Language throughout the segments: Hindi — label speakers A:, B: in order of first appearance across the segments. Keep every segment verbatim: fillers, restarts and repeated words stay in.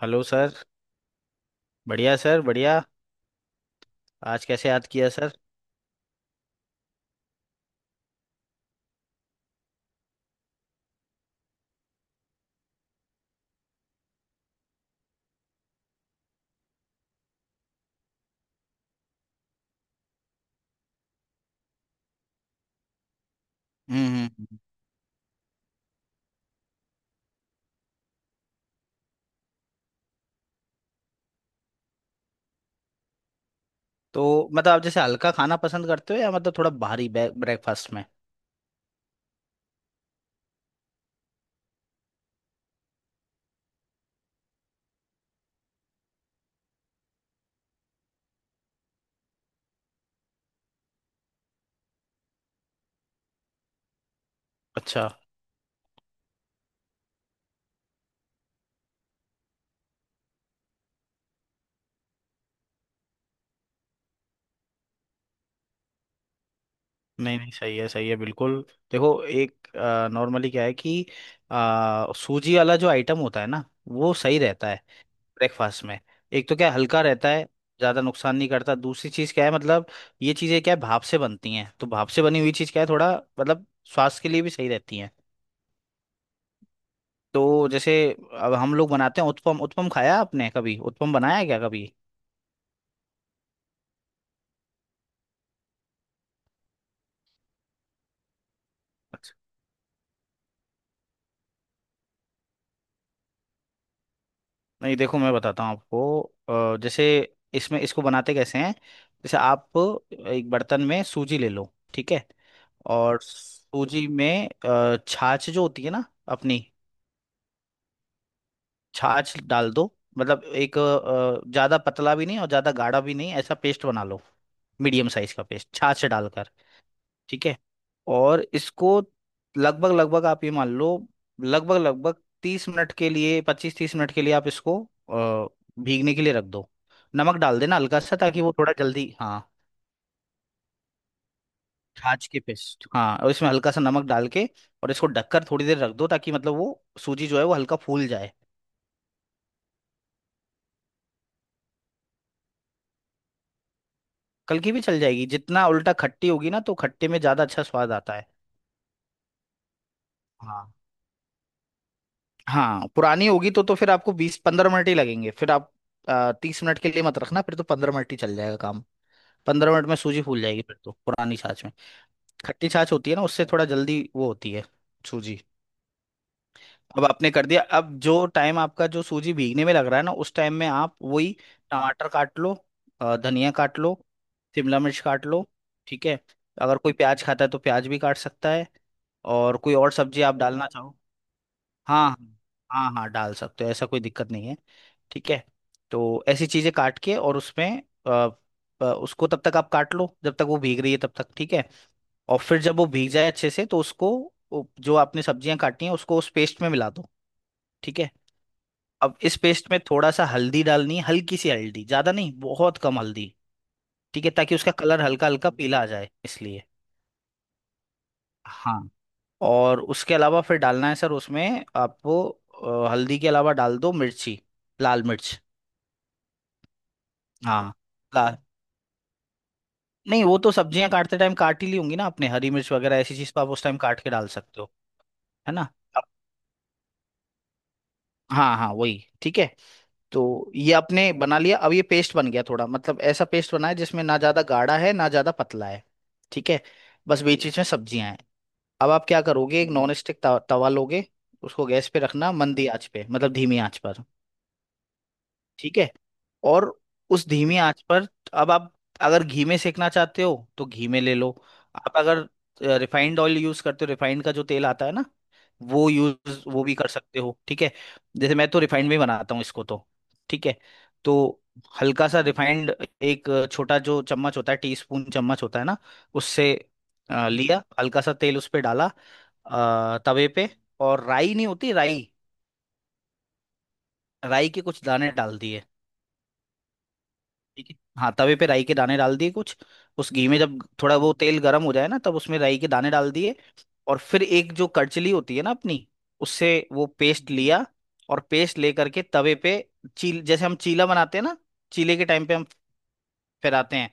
A: Hello sir. बढ़िया सर बढ़िया। आज कैसे याद किया सर? हम्म हम्म, हम्म। तो मतलब आप जैसे हल्का खाना पसंद करते हो या मतलब थोड़ा भारी ब्रेकफास्ट में? अच्छा। नहीं नहीं, सही है सही है बिल्कुल। देखो एक नॉर्मली क्या है कि आ, सूजी वाला जो आइटम होता है ना वो सही रहता है ब्रेकफास्ट में। एक तो क्या है, हल्का रहता है, ज़्यादा नुकसान नहीं करता। दूसरी चीज़ क्या है, मतलब ये चीज़ें क्या है भाप से बनती हैं, तो भाप से बनी हुई चीज़ क्या है थोड़ा मतलब स्वास्थ्य के लिए भी सही रहती हैं। तो जैसे अब हम लोग बनाते हैं उत्पम। उत्पम खाया आपने कभी? उत्पम बनाया क्या कभी? अच्छा। नहीं देखो मैं बताता हूँ आपको। अ, जैसे इसमें इसको बनाते कैसे हैं। जैसे आप एक बर्तन में सूजी ले लो, ठीक है। और सूजी में अ, छाछ जो होती है ना अपनी, छाछ डाल दो। मतलब एक अ, ज़्यादा पतला भी नहीं और ज़्यादा गाढ़ा भी नहीं, ऐसा पेस्ट बना लो। मीडियम साइज का पेस्ट छाछ डालकर, ठीक है। और इसको लगभग लगभग आप ये मान लो, लगभग लगभग तीस मिनट के लिए, पच्चीस तीस मिनट के लिए आप इसको अ, भीगने के लिए रख दो। नमक डाल देना हल्का सा ताकि वो थोड़ा जल्दी, हाँ। छाछ के पेस्ट, हाँ, और इसमें हल्का सा नमक डाल के और इसको ढककर थोड़ी देर रख दो ताकि मतलब वो सूजी जो है वो हल्का फूल जाए। कल की भी चल जाएगी, जितना उल्टा खट्टी होगी ना तो खट्टे में ज्यादा अच्छा स्वाद आता है। हाँ। हाँ पुरानी होगी तो तो फिर आपको बीस पंद्रह मिनट ही लगेंगे, फिर आप तीस मिनट के लिए मत रखना, फिर तो पंद्रह मिनट ही चल जाएगा काम। पंद्रह मिनट में सूजी फूल जाएगी फिर तो पुरानी छाछ में। खट्टी छाछ होती है ना उससे थोड़ा जल्दी वो होती है सूजी। अब आपने कर दिया, अब जो टाइम आपका जो सूजी भीगने में लग रहा है ना उस टाइम में आप वही टमाटर काट लो, अ, धनिया काट लो, शिमला मिर्च काट लो, ठीक है। अगर कोई प्याज खाता है तो प्याज भी काट सकता है, और कोई और सब्जी आप डालना चाहो। हाँ हाँ। हाँ हाँ डाल सकते हो, ऐसा कोई दिक्कत नहीं है। ठीक है। तो ऐसी चीजें काट के और उसमें अ, अ, उसको तब तक आप काट लो जब तक वो भीग रही है तब तक, ठीक है। और फिर जब वो भीग जाए अच्छे से तो उसको, वो जो आपने सब्जियां काटी हैं उसको उस पेस्ट में मिला दो, ठीक है। अब इस पेस्ट में थोड़ा सा हल्दी डालनी है, हल्की सी हल्दी, ज्यादा नहीं, बहुत कम हल्दी, ठीक है, ताकि उसका कलर हल्का हल्का पीला आ जाए इसलिए। हाँ, और उसके अलावा फिर डालना है सर उसमें आपको अ, हल्दी के अलावा डाल दो मिर्ची, लाल मिर्च। हाँ लाल। नहीं वो तो सब्जियां काटते टाइम काट ही ली होंगी ना आपने हरी मिर्च वगैरह ऐसी चीज, तो आप उस टाइम काट के डाल सकते हो। है ना। अब- हाँ हाँ वही ठीक है। तो ये आपने बना लिया, अब ये पेस्ट बन गया थोड़ा, मतलब ऐसा पेस्ट बना है जिसमें ना ज्यादा गाढ़ा है ना ज्यादा पतला है, ठीक है। बस बीच बीच में सब्जियां हैं। अब आप क्या करोगे, एक नॉन स्टिक तवा तवा लोगे, उसको गैस पे रखना मंदी आंच पे, मतलब धीमी आंच पर, ठीक है। और उस धीमी आंच पर अब आप, अगर घी में सेकना चाहते हो तो घी में ले लो। आप अगर रिफाइंड ऑयल यूज करते हो, रिफाइंड का जो तेल आता है ना, वो यूज वो भी कर सकते हो, ठीक है। जैसे मैं तो रिफाइंड में ही बनाता हूँ इसको तो, ठीक है। तो हल्का सा रिफाइंड, एक छोटा जो चम्मच होता है टीस्पून चम्मच होता है ना, उससे अ, लिया हल्का सा तेल उस पे डाला, अ, तवे पे। और राई नहीं होती राई, राई के कुछ दाने डाल दिए, ठीक है। हाँ तवे पे राई के दाने डाल दिए कुछ, उस घी में जब थोड़ा वो तेल गर्म हो जाए ना तब उसमें राई के दाने डाल दिए। और फिर एक जो करचली होती है ना अपनी, उससे वो पेस्ट लिया और पेस्ट लेकर के तवे पे, चील जैसे हम चीला बनाते हैं ना, चीले के टाइम पे हम फैलाते हैं,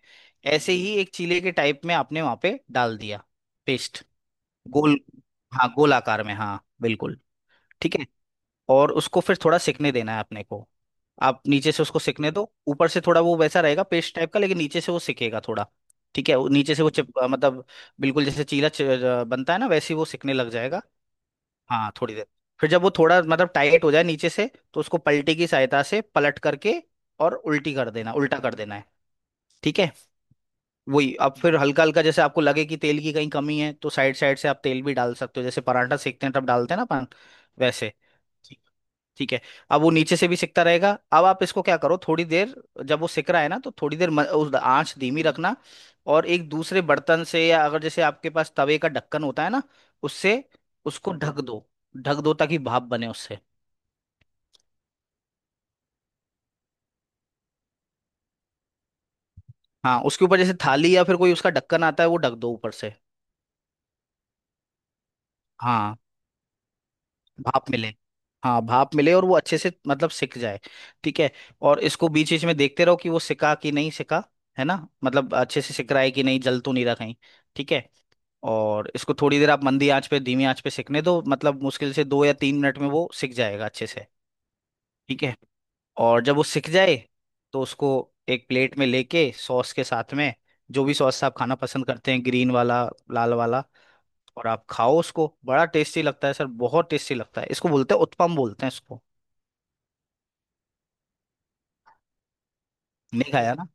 A: ऐसे ही एक चीले के टाइप में आपने वहां पे डाल दिया पेस्ट। गोल, हाँ गोल आकार में, हाँ बिल्कुल, ठीक है। और उसको फिर थोड़ा सिकने देना है अपने को। आप नीचे से उसको सिकने दो, ऊपर से थोड़ा वो वैसा रहेगा पेस्ट टाइप का, लेकिन नीचे से वो सिकेगा थोड़ा, ठीक है। वो नीचे से वो चिप अ, मतलब बिल्कुल जैसे चीला च, अ, बनता है ना वैसे ही वो सिकने लग जाएगा। हाँ थोड़ी देर, फिर जब वो थोड़ा मतलब टाइट हो जाए नीचे से, तो उसको पलटे की सहायता से पलट करके और उल्टी कर देना, उल्टा कर देना है, ठीक है। वही, अब फिर हल्का हल्का जैसे आपको लगे कि तेल की कहीं कमी है तो साइड साइड से आप तेल भी डाल सकते हो, जैसे पराठा सेकते हैं तब डालते हैं ना अपन वैसे, ठीक है। अब वो नीचे से भी सिकता रहेगा, अब आप इसको क्या करो, थोड़ी देर जब वो सिक रहा है ना तो थोड़ी देर म- उस आंच धीमी रखना। और एक दूसरे बर्तन से, या अगर जैसे आपके पास तवे का ढक्कन होता है ना, उससे उसको ढक दो। ढक दो ताकि भाप बने उससे। हाँ उसके ऊपर जैसे थाली या फिर कोई उसका ढक्कन आता है वो ढक दो ऊपर से। हाँ भाप मिले। हाँ भाप मिले और वो अच्छे से मतलब सिक जाए, ठीक है। और इसको बीच बीच में देखते रहो कि वो सिका कि नहीं सिका, है ना, मतलब अच्छे से सिक रहा है कि नहीं, जल तो नहीं रहा कहीं, ठीक है। और इसको थोड़ी देर आप मंदी आंच पे धीमी आंच पे सिकने दो, मतलब मुश्किल से दो या तीन मिनट में वो सिक जाएगा अच्छे से, ठीक है। और जब वो सिक जाए तो उसको एक प्लेट में लेके सॉस के साथ में, जो भी सॉस आप खाना पसंद करते हैं, ग्रीन वाला लाल वाला, और आप खाओ उसको, बड़ा टेस्टी लगता है सर, बहुत टेस्टी लगता है। इसको बोलते हैं उत्पम, बोलते हैं इसको। नहीं खाया ना।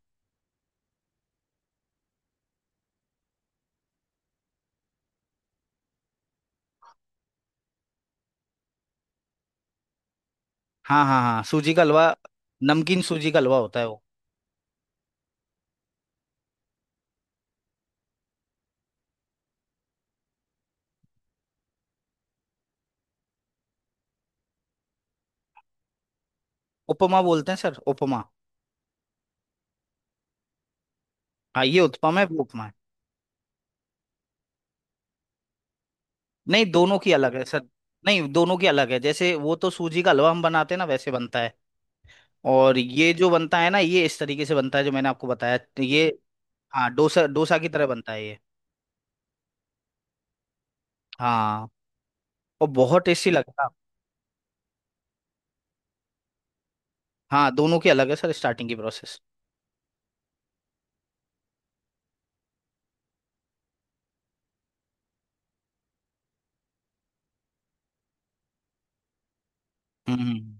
A: हाँ हाँ हाँ सूजी का हलवा। नमकीन सूजी का हलवा होता है वो। उपमा बोलते हैं सर, उपमा। हाँ ये उत्पम है, वो उपमा है। नहीं दोनों की अलग है सर। नहीं दोनों की अलग है, जैसे वो तो सूजी का हलवा हम बनाते हैं ना वैसे बनता है। और ये जो बनता है ना ये इस तरीके से बनता है जो मैंने आपको बताया तो ये, हाँ डोसा, डोसा की तरह बनता है ये। हाँ और बहुत टेस्टी लगता है। हाँ दोनों की अलग है सर स्टार्टिंग की प्रोसेस। हम्म हम्म, हम्म।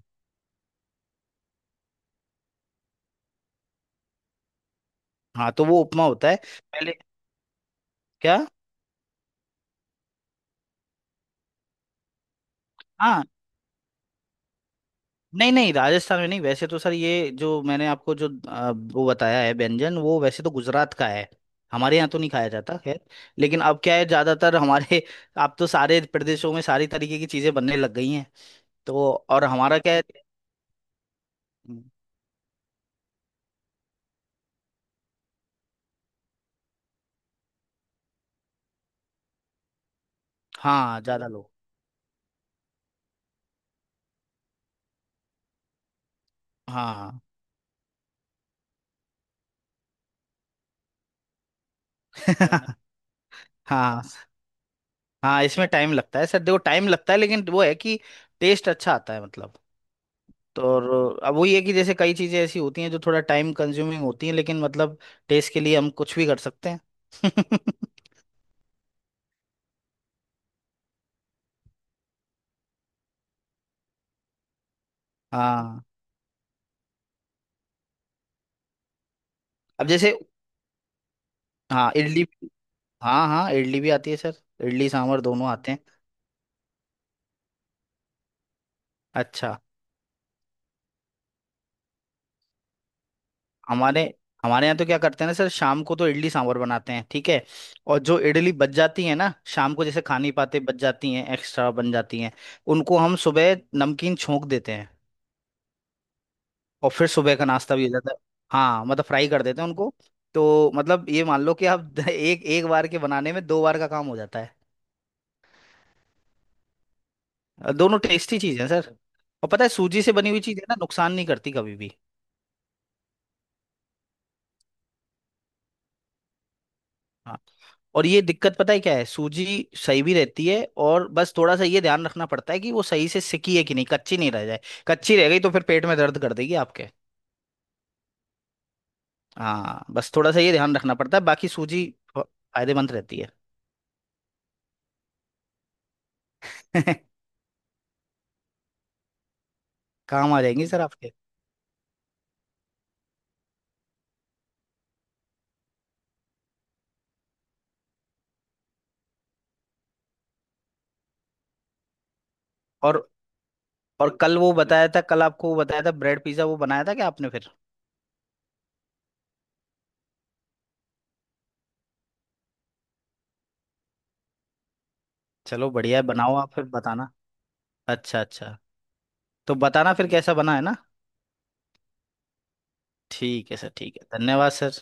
A: हाँ तो वो उपमा होता है। पहले क्या? हाँ नहीं नहीं, राजस्थान में नहीं, वैसे तो सर ये जो मैंने आपको जो आ, वो बताया है व्यंजन, वो वैसे तो गुजरात का है। हमारे यहाँ तो नहीं खाया जाता खैर, लेकिन अब क्या है, ज्यादातर हमारे अब तो सारे प्रदेशों में सारी तरीके की चीजें बनने लग गई हैं। तो और हमारा क्या है। हम्म, हाँ ज्यादा लोग। हाँ। हाँ हाँ इसमें टाइम लगता है सर, देखो टाइम लगता है लेकिन वो है कि टेस्ट अच्छा आता है मतलब। तो और अब वही है कि जैसे कई चीजें ऐसी होती हैं जो थोड़ा टाइम कंज्यूमिंग होती हैं लेकिन मतलब टेस्ट के लिए हम कुछ भी कर सकते हैं। हाँ अब जैसे, हाँ इडली। हाँ हाँ इडली भी आती है सर, इडली सांभर दोनों आते हैं। अच्छा। हमारे हमारे यहाँ तो क्या करते हैं ना सर, शाम को तो इडली सांभर बनाते हैं, ठीक है। और जो इडली बच जाती है ना शाम को, जैसे खा नहीं पाते बच जाती हैं, एक्स्ट्रा बन जाती हैं, उनको हम सुबह नमकीन छोंक देते हैं और फिर सुबह का नाश्ता भी हो जाता है। हाँ मतलब फ्राई कर देते हैं उनको। तो मतलब ये मान लो कि आप एक एक बार के बनाने में दो बार का काम हो जाता है। अ, दोनों टेस्टी चीज़ है सर। और पता है सूजी से बनी हुई चीज़ है ना, नुकसान नहीं करती कभी भी। हाँ, और ये दिक्कत पता है क्या है सूजी, सही भी रहती है और बस थोड़ा सा ये ध्यान रखना पड़ता है कि वो सही से सिकी है कि नहीं, कच्ची नहीं रह जाए, कच्ची रह गई तो फिर पेट में दर्द कर देगी आपके। हाँ बस थोड़ा सा ये ध्यान रखना पड़ता है, बाकी सूजी फ- फायदेमंद रहती है। काम आ जाएंगी सर आपके। और और कल वो बताया था, कल आपको वो बताया था ब्रेड पिज्जा, वो बनाया था क्या आपने फिर? चलो बढ़िया है, बनाओ आप फिर बताना। अच्छा अच्छा। तो बताना फिर कैसा बना है ना। ठीक है सर, ठीक है, धन्यवाद सर।